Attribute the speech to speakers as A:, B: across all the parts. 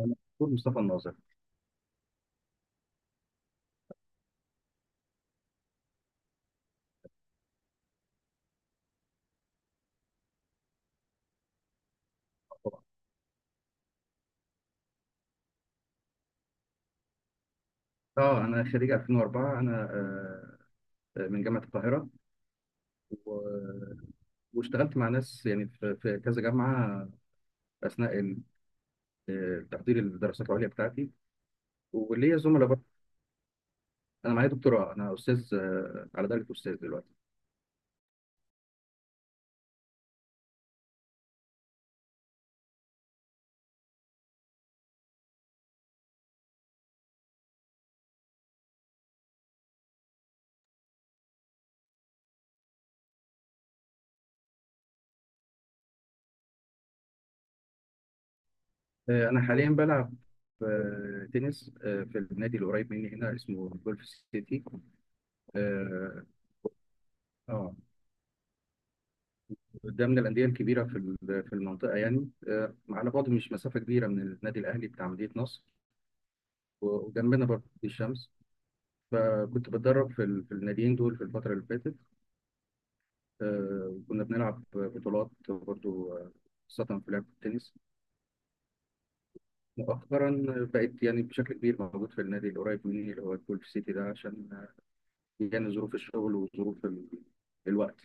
A: انا دكتور مصطفى الناظر. طبعا اه انا خريج 2004. انا آه، آه، من جامعه القاهره و... واشتغلت مع ناس يعني في كذا جامعه اثناء تحضير الدراسات العليا بتاعتي، وليا زملاء برضه. انا معايا دكتوراه، انا استاذ، على درجه استاذ دلوقتي. انا حاليا بلعب تنس في النادي القريب مني هنا، اسمه جولف سيتي. اه، آه، ده من الانديه الكبيره في المنطقه، يعني على بعد، مش مسافه كبيره من النادي الاهلي بتاع مدينه نصر، وجنبنا برضه في الشمس. فكنت بتدرب في الناديين دول في الفترة اللي فاتت، وكنا بنلعب بطولات برضه، خاصة في لعبة التنس. مؤخرا بقيت يعني بشكل كبير موجود في النادي القريب مني اللي هو الجولف سيتي ده، عشان يعني ظروف الشغل وظروف الوقت.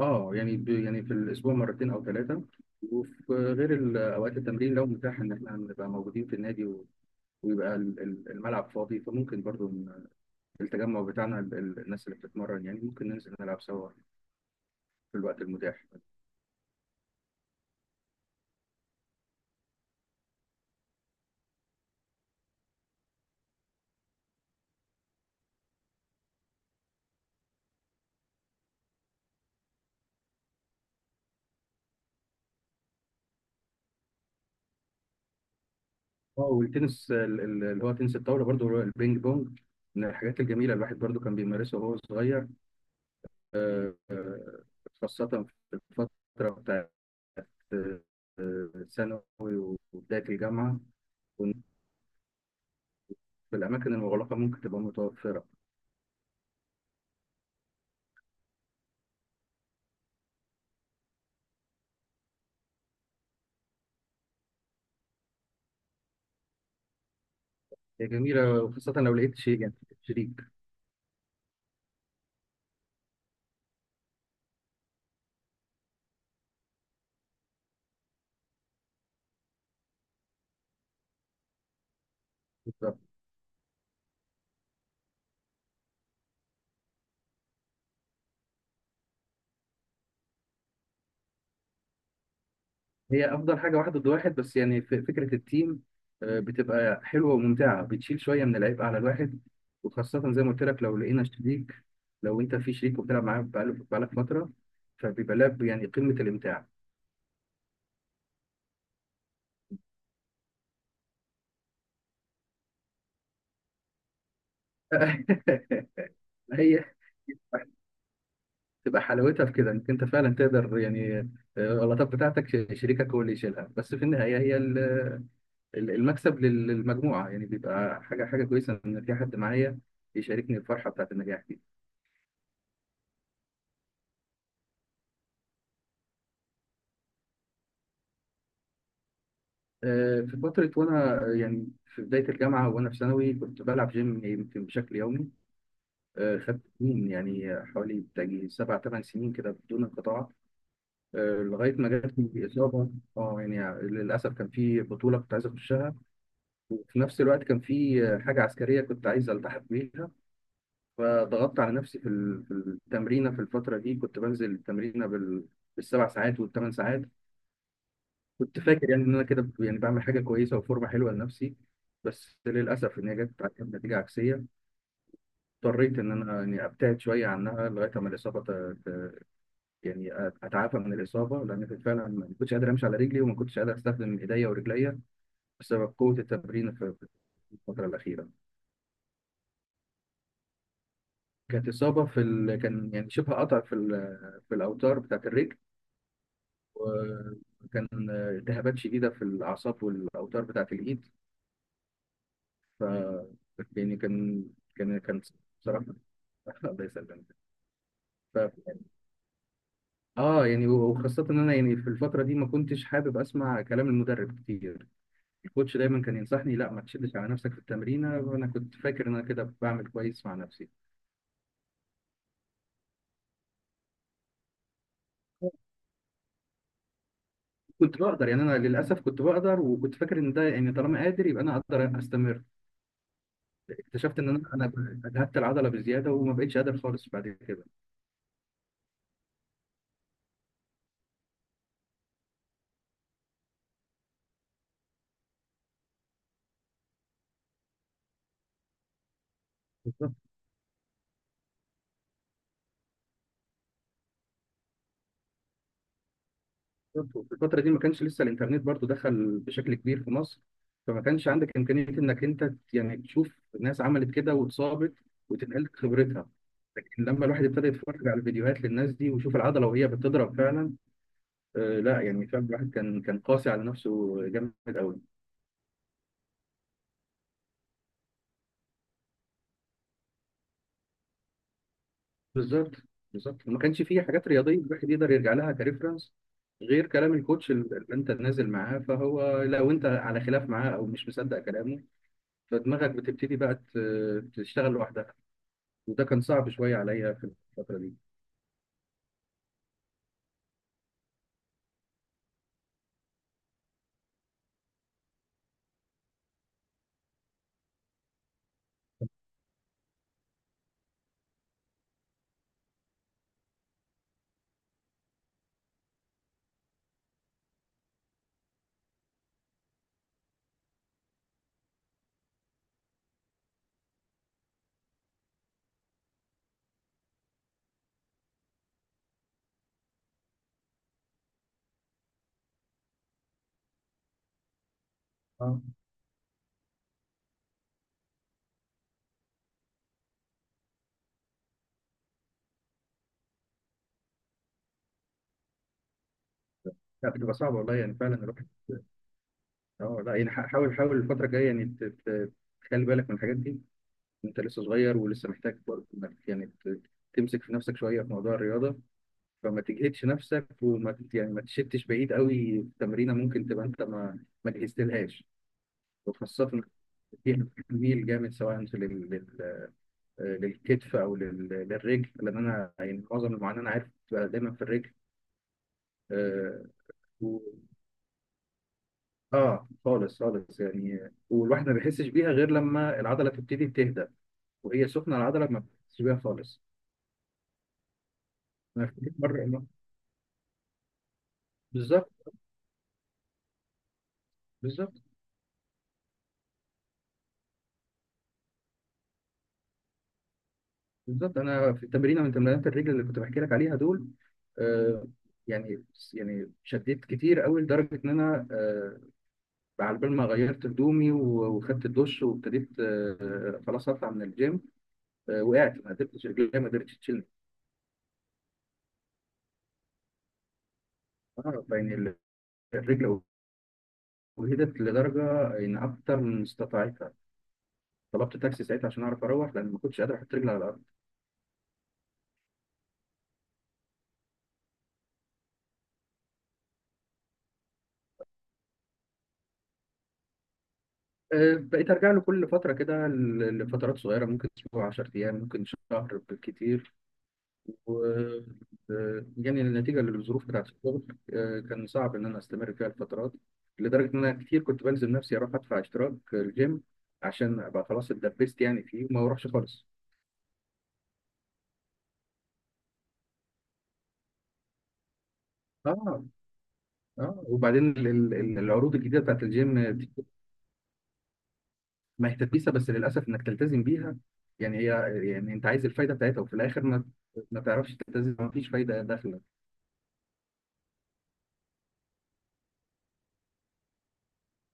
A: اه يعني يعني في الاسبوع مرتين او ثلاثه، وفي غير اوقات التمرين، لو متاح ان احنا نبقى موجودين في النادي ويبقى الملعب فاضي، فممكن برضو التجمع بتاعنا، الناس اللي بتتمرن، يعني ممكن ننزل نلعب سوا في الوقت المتاح. اه، والتنس اللي هو تنس الطاولة برضو، اللي هو البينج بونج، من الحاجات الجميلة الواحد برضو كان بيمارسها وهو صغير، آه، آه، خاصة في الفترة بتاعت آه، ثانوي وبداية الجامعة. كنت في الأماكن المغلقة ممكن تبقى متوفرة. هي جميلة، وخاصة لو لقيت شيء، يعني شريك. هي افضل حاجه واحد ضد واحد، بس يعني فكره التيم بتبقى حلوه وممتعه، بتشيل شويه من العبء على الواحد، وخاصه زي ما قلت لك لو لقينا شريك. لو انت في شريك وبتلعب معاه بقالك فتره، فبيبقى لعب يعني قمه الامتاع. هي تبقى حلاوتها في كده انك انت فعلا تقدر، يعني الغلطات بتاعتك شريكك هو اللي يشيلها، بس في النهايه هي المكسب للمجموعه، يعني بيبقى حاجه، كويسه ان في حد معايا يشاركني الفرحه بتاعت النجاح دي. في فترة وأنا يعني في بداية الجامعة وأنا في ثانوي كنت بلعب جيم، يمكن بشكل يومي. خدت سنين، يعني حوالي بتاجي سبع ثمان سنين كده بدون انقطاع، لغاية ما جاتني إصابة. أه، يعني للأسف كان في بطولة كنت عايز أخشها، وفي نفس الوقت كان في حاجة عسكرية كنت عايز ألتحق بيها، فضغطت على نفسي في التمرينة. في الفترة دي كنت بنزل التمرينة بالسبع ساعات والثمان ساعات. كنت فاكر يعني ان انا كده يعني بعمل حاجه كويسه وفورمه حلوه لنفسي، بس للاسف ان هي جت عليها بنتيجه عكسيه. اضطريت ان انا يعني ابتعد شويه عنها لغايه اما الاصابه يعني اتعافى من الاصابه، لان كنت فعلا ما كنتش قادر امشي على رجلي، وما كنتش قادر استخدم ايديا ورجليا بسبب قوه التمرين في الفتره الاخيره. كانت اصابه في ال... كان يعني شبه قطع في ال... في الاوتار بتاعت الرجل، وكان التهابات شديده في الاعصاب والاوتار بتاعت الايد. ف يعني كان بصراحة. الله يسلمك. ف... اه يعني، وخاصة ان انا يعني في الفترة دي ما كنتش حابب اسمع كلام المدرب كتير. الكوتش دايما كان ينصحني: لا، ما تشدش على نفسك في التمرينة، وانا كنت فاكر ان انا كده بعمل كويس مع نفسي. كنت بقدر، يعني انا للاسف كنت بقدر، وكنت فاكر ان ده يعني طالما قادر يبقى انا اقدر استمر. اكتشفت ان انا اجهدت العضلة بزيادة، وما بقتش قادر خالص بعد كده. في الفترة دي ما كانش لسه الإنترنت برضو دخل بشكل كبير في مصر، فما كانش عندك إمكانية إنك أنت يعني تشوف ناس عملت كده واتصابت وتنقل لك خبرتها. لكن لما الواحد ابتدى يتفرج على فيديوهات للناس دي ويشوف العضلة وهي بتضرب فعلا، آه لا يعني فعلا الواحد كان، قاسي على نفسه جامد قوي. بالظبط بالظبط، ما كانش فيه حاجات رياضية الواحد يقدر يرجع لها كريفرنس غير كلام الكوتش اللي انت نازل معاه، فهو لو انت على خلاف معاه او مش مصدق كلامه، فدماغك بتبتدي بقى تشتغل لوحدها، وده كان صعب شويه عليا في الفتره دي. اه لا، بتبقى صعبه والله، يعني فعلا الواحد. اه لا، يعني حاول حاول الفتره الجايه يعني تخلي بالك من الحاجات دي. انت لسه صغير ولسه محتاج برضه إنك يعني تمسك في نفسك شويه في موضوع الرياضه، فما تجهدش نفسك، يعني ما تشتش بعيد قوي في تمرينه ممكن تبقى انت ما جهزتلهاش، وخاصه إنك فيها تميل جامد، سواء للكتف، او للرجل، لان انا يعني معظم المعاناه انا عارف بتبقى دايما في الرجل. اه و- آه، خالص يعني والواحد ما بيحسش بيها غير لما العضله تبتدي تهدى، وهي سخنه العضله ما بتحسش بيها خالص. انا في مره، بالظبط بالظبط. بالظبط انا في التمرين من تمرينات الرجل اللي كنت بحكي لك عليها دول، آه، يعني يعني شديت كتير قوي لدرجه ان انا على بال ما غيرت هدومي وخدت الدش وابتديت، خلاص اطلع من الجيم، وقعت. ما قدرتش رجليها ما قدرتش تشيلني. اه يعني الرجل وهدت لدرجه ان اكتر من استطاعتها، طلبت تاكسي ساعتها عشان اعرف اروح، لان ما كنتش قادر احط رجلي على الارض. بقيت ارجع له كل فتره كده لفترات صغيره، ممكن اسبوع، 10 ايام، ممكن شهر بالكتير. و آه، يعني النتيجه للظروف بتاعت الشغل كان صعب ان انا استمر فيها الفترات، لدرجه ان انا كتير كنت بلزم نفسي اروح ادفع اشتراك الجيم عشان ابقى خلاص اتدبست يعني فيه، وما اروحش خالص. اه، اه وبعدين العروض الجديده بتاعت الجيم. ما هي تدبيسه، بس للاسف انك تلتزم بيها، يعني هي، يعني انت عايز الفايده بتاعتها، وفي الاخر ما تعرفش تلتزم، ما فيش فايده داخله.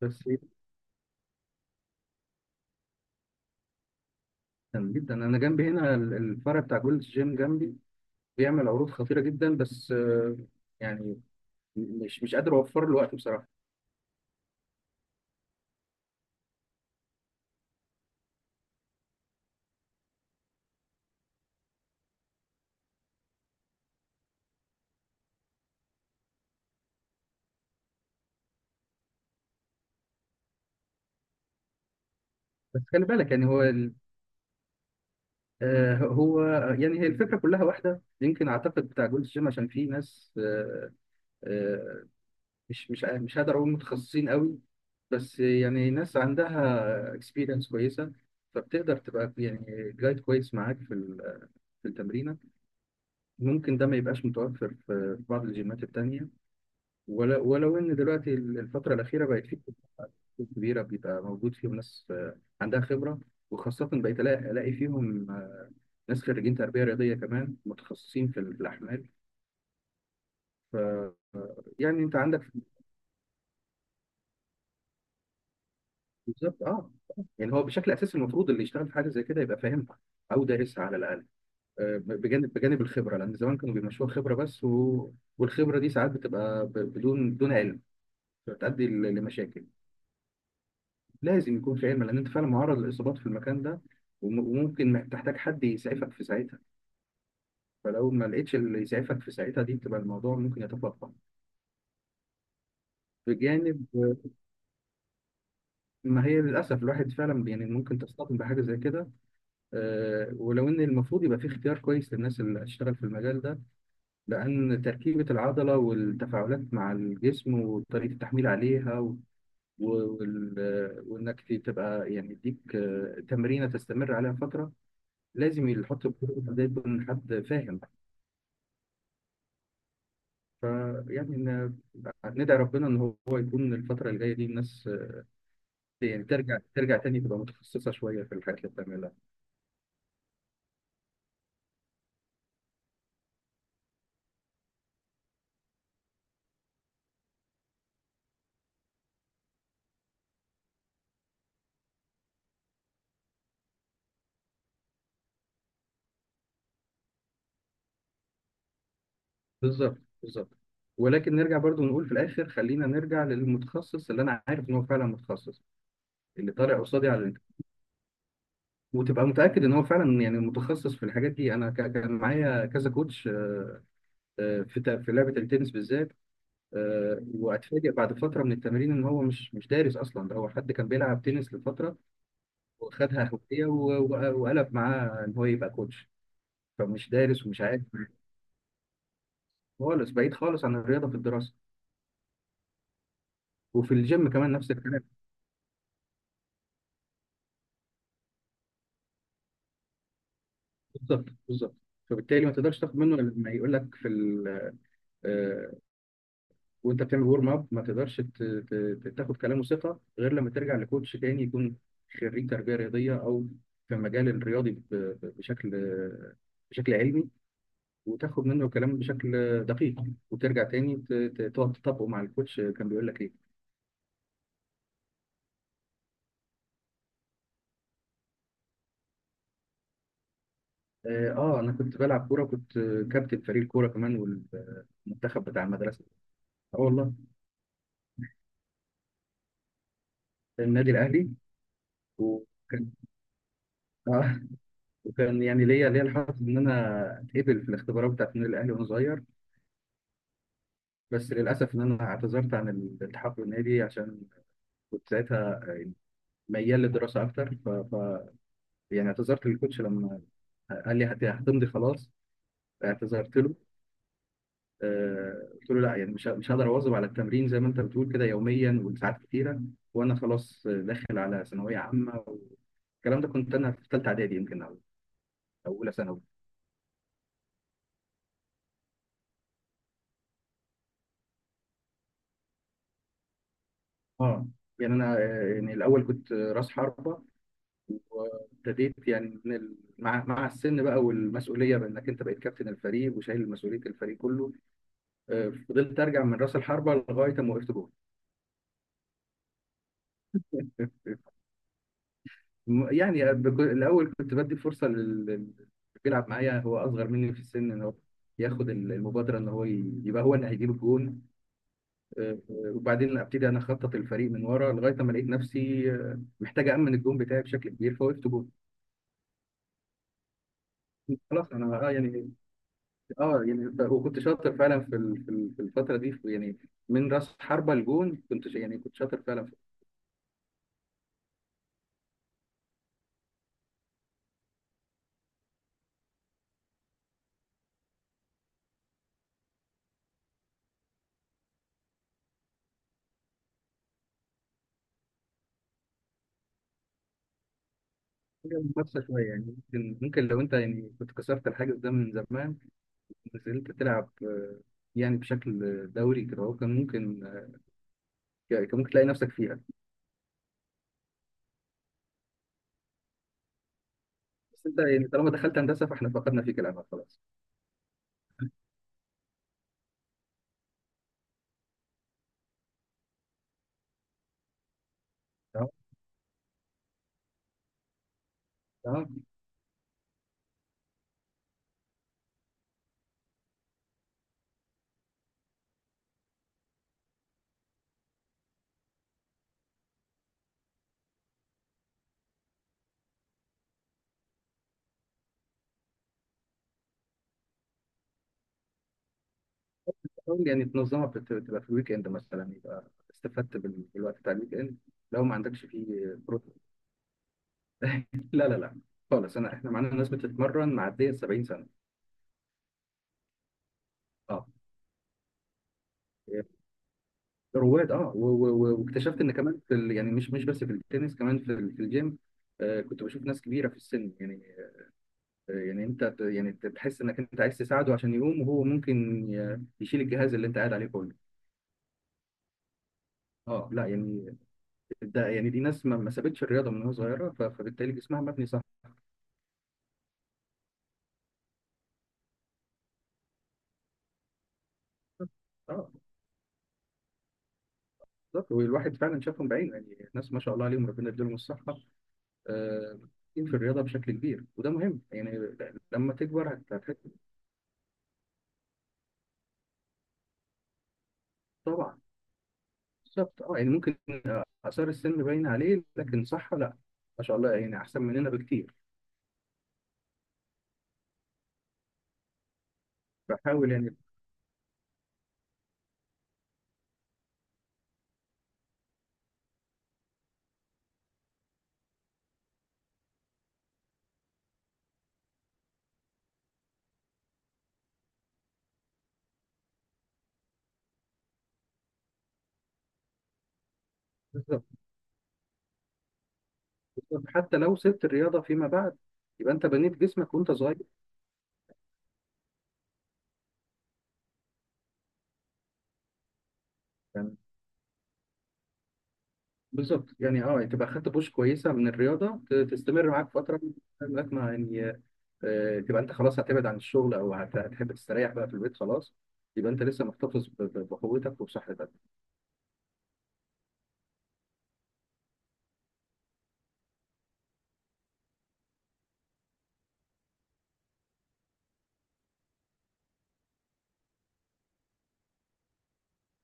A: بس جدا، جدا انا جنبي هنا الفرع بتاع جولد جيم جنبي، بيعمل عروض خطيره جدا، بس يعني مش قادر اوفر له وقت بصراحه. بس خلي بالك، يعني هو هو يعني هي الفكره كلها واحده، يمكن اعتقد بتاع جولد جيم عشان في ناس آه، مش هقدر اقول متخصصين قوي، بس يعني ناس عندها اكسبيرينس كويسه، فبتقدر تبقى يعني جايد كويس معاك في التمرينه. ممكن ده ما يبقاش متوفر في بعض الجيمات التانيه، ولا ولو ان دلوقتي الفتره الاخيره بقت في كتب كبيره بيبقى موجود فيهم ناس عندها خبره، وخاصه بقيت الاقي، ألاقي فيهم ناس خريجين تربيه رياضيه كمان متخصصين في الاحمال. ف يعني انت عندك، بالظبط اه، يعني هو بشكل اساسي المفروض اللي يشتغل في حاجه زي كده يبقى فاهمها او دارسها على الاقل، بجانب الخبره، لان زمان كانوا بيمشوها خبره بس والخبره دي ساعات بتبقى بدون، علم بتؤدي لمشاكل. لازم يكون في علم، لان انت فعلا معرض للاصابات في المكان ده، وممكن تحتاج حد يسعفك في ساعتها، فلو ما لقيتش اللي يسعفك في ساعتها دي، بتبقى الموضوع ممكن يتفاقم. بجانب ما هي للاسف الواحد فعلا يعني ممكن تصطدم بحاجه زي كده، ولو ان المفروض يبقى في اختيار كويس للناس اللي هتشتغل في المجال ده، لان تركيبه العضله والتفاعلات مع الجسم وطريقه التحميل عليها وانك تبقى يعني يديك تمرينه تستمر عليها فتره، لازم يحط ده، يكون حد فاهم. فيعني إن- ندعي ربنا ان هو يكون الفتره الجايه دي الناس يعني ترجع، تاني تبقى متخصصه شويه في الحاجات اللي بتعملها. بالظبط بالظبط، ولكن نرجع برضو نقول في الاخر: خلينا نرجع للمتخصص اللي انا عارف ان هو فعلا متخصص، اللي طالع قصادي على الانترنت، وتبقى متاكد ان هو فعلا يعني متخصص في الحاجات دي. انا كان معايا كذا كوتش في في لعبه التنس بالذات، واتفاجئ بعد فتره من التمرين ان هو مش دارس اصلا، ده هو حد كان بيلعب تنس لفتره وخدها هوايه وقلب معاه ان هو يبقى كوتش، فمش دارس ومش عارف خالص، بعيد خالص عن الرياضه في الدراسه، وفي الجيم كمان نفس الكلام. بالظبط بالظبط، فبالتالي ما تقدرش تاخد منه لما يقول لك في ال آه، وانت بتعمل ورم اب، ما تقدرش تاخد كلامه ثقه غير لما ترجع لكوتش تاني يكون خريج تربيه رياضيه، او في المجال الرياضي بشكل، علمي، وتاخد منه الكلام بشكل دقيق، وترجع تاني تقعد تطبقه مع الكوتش كان بيقول لك ايه. اه انا كنت بلعب كوره، كنت كابتن فريق الكوره كمان والمنتخب بتاع المدرسه. اه والله. النادي الاهلي. وكان وكان يعني ليا الحظ ان انا اتقبل في الاختبارات بتاعت النادي الاهلي وانا صغير، بس للاسف ان انا اعتذرت عن الالتحاق بالنادي، عشان كنت ساعتها ميال للدراسه اكتر، يعني اعتذرت للكوتش لما قال لي هتمضي خلاص. اعتذرت له، قلت له لا، يعني مش هقدر اواظب على التمرين زي ما انت بتقول كده يوميا وساعات كتيره، وانا خلاص داخل على ثانويه عامه، والكلام ده كنت انا في ثالثه اعدادي، يمكن، او أو اولى ثانوي. اه يعني انا يعني الاول كنت راس حربه، وابتديت يعني من ال... مع السن بقى والمسؤوليه بانك انت بقيت كابتن الفريق وشايل مسؤوليه الفريق كله. فضلت ارجع من راس الحربه لغايه ما وقفت جول. يعني الاول كنت بدي فرصه اللي بيلعب معايا هو اصغر مني في السن، ان هو ياخد المبادره، ان هو يبقى هو اللي هيجيب الجون. وبعدين ابتدي انا اخطط الفريق من ورا لغايه ما لقيت نفسي محتاج امن الجون بتاعي بشكل كبير، فوقفت جون. خلاص انا، يعني، اه يعني وكنت شاطر فعلا في الفتره دي، يعني من راس حربه لجون كنت يعني كنت شاطر فعلا في حاجه مقصه شويه يعني. ممكن لو انت يعني كنت كسرت الحاجز ده من زمان، نزلت تلعب، يعني بشكل دوري كده، هو كان ممكن، كان ممكن تلاقي نفسك فيها. بس انت يعني طالما دخلت هندسه فاحنا فقدنا فيك الامل خلاص. تمام، تمام. حاول يعني تنظمها، تبقى في الويك اند مثلا، يبقى استفدت بالوقت بتاع الويك اند لو ما عندكش فيه بروت. لا، لا، لا، خالص. انا احنا معانا ناس بتتمرن معديه ال 70 سنه. اه، رواد. اه، واكتشفت ان كمان يعني مش بس في التنس، كمان في الجيم. كنت بشوف ناس كبيره في السن يعني. يعني انت يعني تحس انك انت عايز تساعده عشان يقوم، وهو ممكن يشيل الجهاز اللي انت قاعد عليه كله. اه، لا يعني، ده يعني دي ناس ما سابتش الرياضه من وهي صغيره، فبالتالي جسمها مبني صح. اه، بالظبط. والواحد فعلا شافهم بعينه يعني، ناس ما شاء الله عليهم، ربنا يديلهم الصحه في الرياضة بشكل كبير، وده مهم يعني. لما تكبر هتحس طبعا. بالظبط، اه يعني ممكن آثار السن باين عليه، لكن صح لا، ما شاء الله يعني، أحسن مننا بكتير. بحاول يعني. بالظبط. بالظبط. حتى لو سبت الرياضة فيما بعد، يبقى أنت بنيت جسمك وأنت صغير يعني. بالظبط يعني، اه تبقى خدت بوش كويسة من الرياضة، تستمر معاك فترة لغاية ما يعني، تبقى أنت خلاص هتبعد عن الشغل، أو هتحب تستريح بقى في البيت خلاص، يبقى أنت لسه محتفظ بقوتك وبصحتك.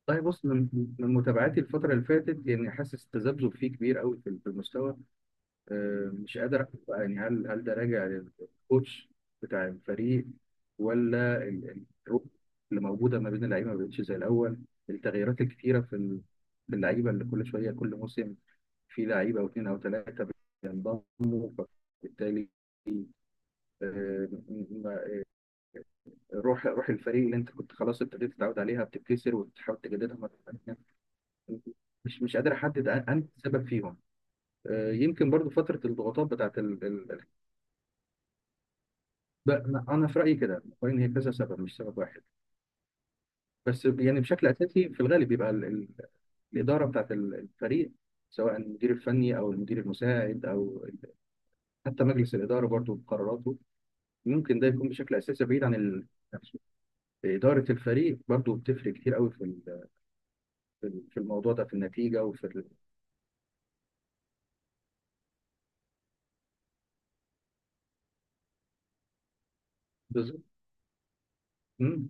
A: والله بص، من متابعاتي الفترة اللي فاتت يعني، حاسس تذبذب فيه كبير قوي في في المستوى. مش قادر أحكم بقى يعني، هل ده راجع للكوتش بتاع الفريق، ولا الروح اللي موجودة ما بين اللعيبة ما بقتش زي الأول، التغييرات الكتيرة في اللعيبة اللي كل شوية كل موسم في لعيبة أو اتنين أو تلاتة بينضموا، فبالتالي آه، م- م- روح الفريق اللي أنت كنت خلاص ابتديت تتعود عليها بتتكسر وتحاول تجددها مرة تانية. مش قادر احدد، انت السبب فيهم. يمكن برضو فتره الضغوطات بتاعت ال... ال... ال- بقى- انا في رايي كده مقارنة، هي كذا سبب مش سبب واحد. بس يعني بشكل اساسي في الغالب بيبقى الاداره الفريق، سواء المدير الفني او المدير المساعد او حتى مجلس الاداره برضو بقراراته، ممكن ده يكون بشكل اساسي بعيد عن نفسه. اداره الفريق برضو بتفرق كتير قوي في الموضوع ده، في النتيجه وفي بالظبط. مم.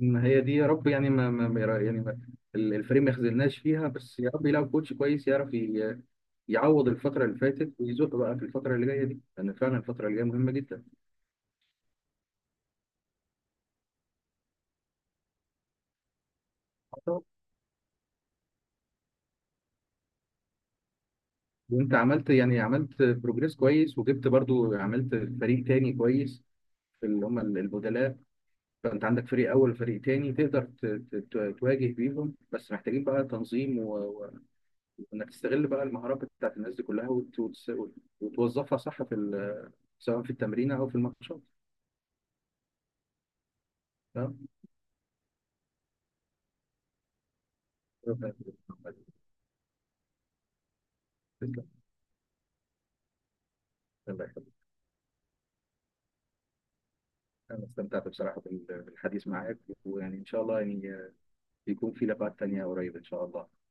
A: ما هي دي يا رب يعني، ما, ما ما يرا- يعني ما الفريق ما يخذلناش فيها بس، يا رب يلاقي كوتش كويس يعرف يعوض الفترة اللي فاتت ويزق بقى في الفترة اللي جاية دي، لأن فعلا الفترة اللي جاية مهمة جدا. وأنت عملت يعني، عملت بروجريس كويس، وجبت برضو، عملت فريق تاني كويس في اللي هم البدلاء، فأنت عندك فريق أول وفريق تاني تقدر تواجه بيهم، بس محتاجين بقى تنظيم وإنك تستغل بقى المهارات بتاعت الناس دي كلها، وتوظفها صح في ال، سواء في التمرين او في الماتشات. تمام. ربنا يخليك. تسلم. الله يخليك، انا استمتعت بصراحه بالحديث معاك، ويعني ان شاء الله يعني يكون في لقاءات تانية قريب ان شاء الله.